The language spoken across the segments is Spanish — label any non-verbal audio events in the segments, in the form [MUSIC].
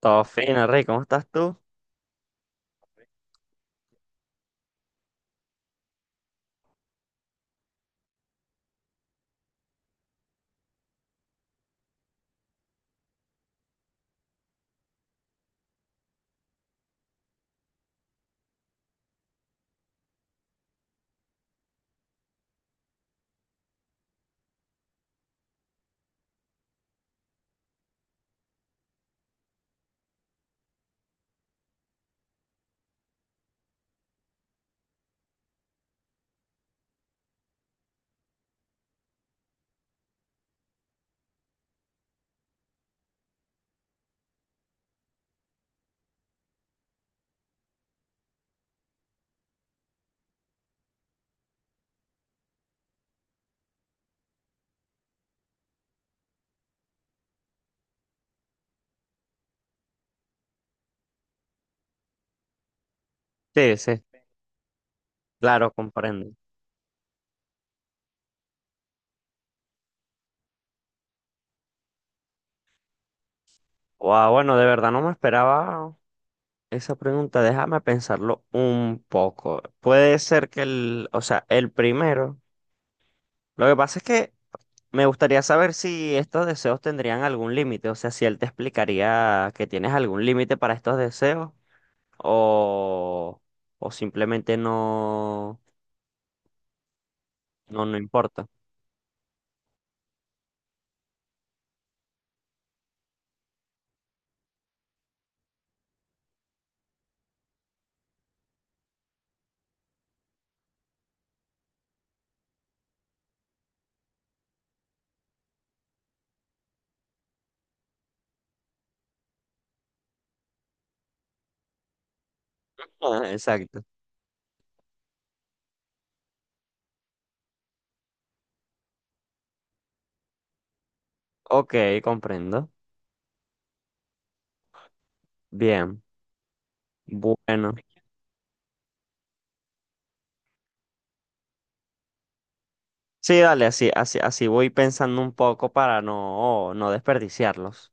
Todo fino, Rey, ¿cómo estás tú? Sí, sí, claro, comprendo. Guau, bueno, de verdad no me esperaba esa pregunta. Déjame pensarlo un poco. Puede ser que el primero. Lo que pasa es que me gustaría saber si estos deseos tendrían algún límite. O sea, si él te explicaría que tienes algún límite para estos deseos o, o simplemente no importa. [LAUGHS] Ah, exacto. Ok, comprendo. Bien. Bueno. Sí, dale, así, así, así voy pensando un poco para no desperdiciarlos.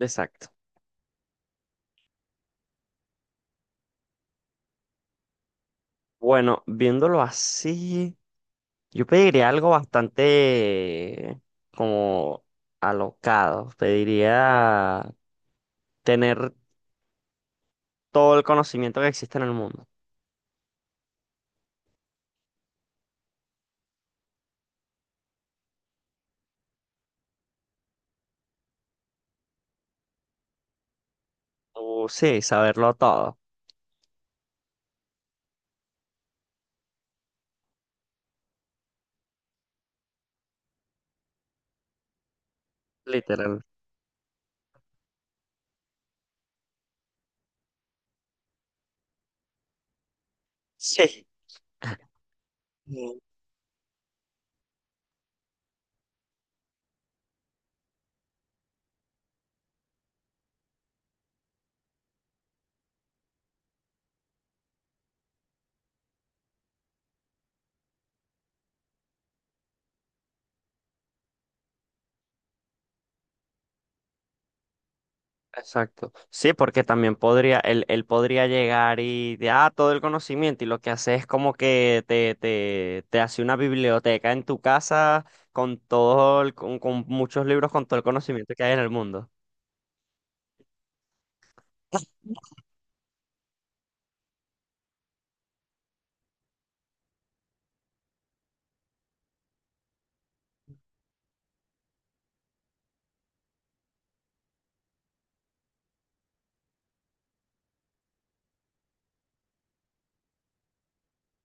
Exacto. Bueno, viéndolo así, yo pediría algo bastante como alocado. Pediría tener todo el conocimiento que existe en el mundo. O sí, saberlo todo, literal. Sí. Exacto. Sí, porque también podría, él podría llegar y de ah, todo el conocimiento, y lo que hace es como que te hace una biblioteca en tu casa con todo con muchos libros, con todo el conocimiento que hay en el mundo.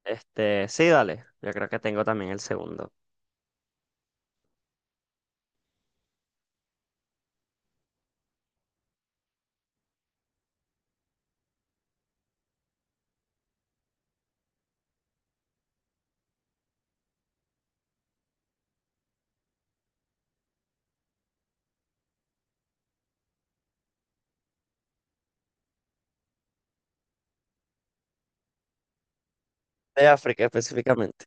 Este, sí, dale. Yo creo que tengo también el segundo. De África específicamente.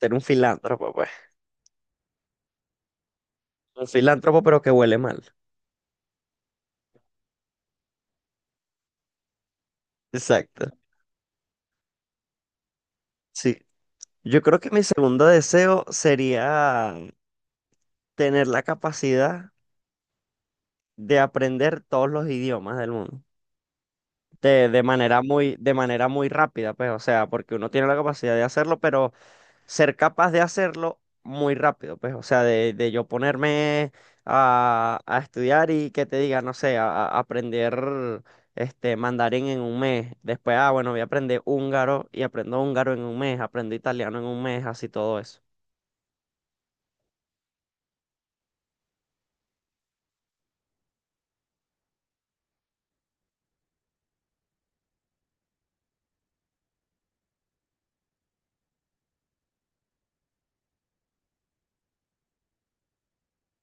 Ser un filántropo, pues. Un filántropo, pero que huele mal. Exacto. Sí. Yo creo que mi segundo deseo sería tener la capacidad de aprender todos los idiomas del mundo. De manera muy, de manera muy rápida, pues, o sea, porque uno tiene la capacidad de hacerlo, pero ser capaz de hacerlo muy rápido, pues, o sea, de yo ponerme a estudiar y que te diga, no sé, a aprender este mandarín en un mes. Después, ah, bueno, voy a aprender húngaro y aprendo húngaro en un mes, aprendo italiano en un mes, así todo eso.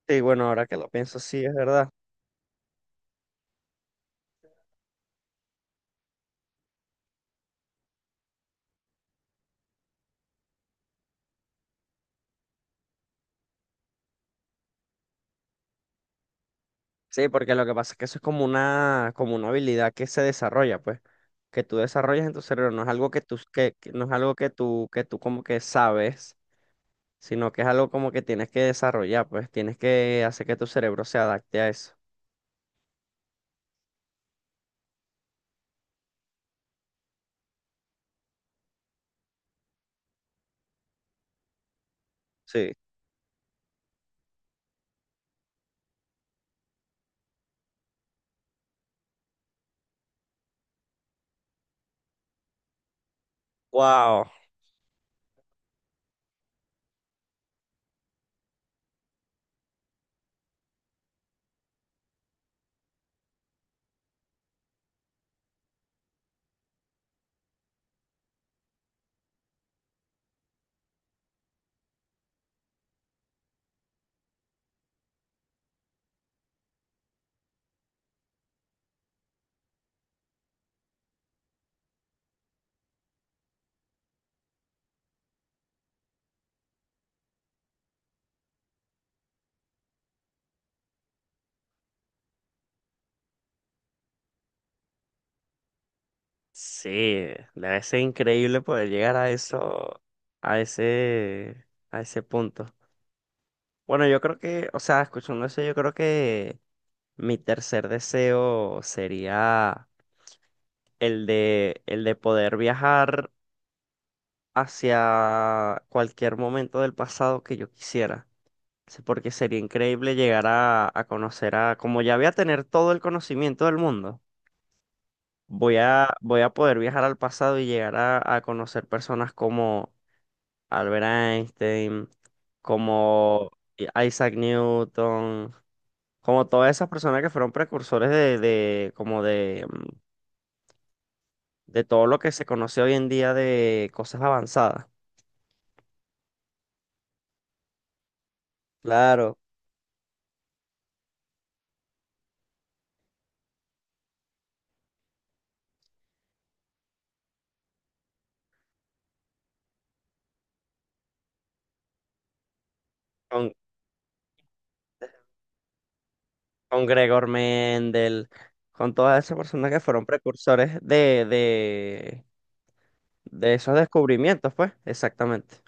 Sí, bueno, ahora que lo pienso, sí, es verdad. Sí, porque lo que pasa es que eso es como una habilidad que se desarrolla, pues, que tú desarrollas en tu cerebro, no es algo que tú, que no es algo que tú como que sabes, sino que es algo como que tienes que desarrollar, pues, tienes que hacer que tu cerebro se adapte a eso. Sí. Wow, sí, debe ser increíble poder llegar a eso, a ese, a ese punto. Bueno, yo creo que, o sea, escuchando eso, yo creo que mi tercer deseo sería el de poder viajar hacia cualquier momento del pasado que yo quisiera. Sí, porque sería increíble llegar a conocer a, como ya voy a tener todo el conocimiento del mundo, voy a poder viajar al pasado y llegar a conocer personas como Albert Einstein, como Isaac Newton, como todas esas personas que fueron precursores de de todo lo que se conoce hoy en día de cosas avanzadas. Claro, con, con Gregor Mendel, con todas esas personas que fueron precursores de esos descubrimientos, pues, exactamente.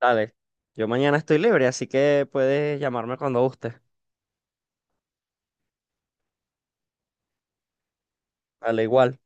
Dale, yo mañana estoy libre, así que puedes llamarme cuando guste. Dale, igual.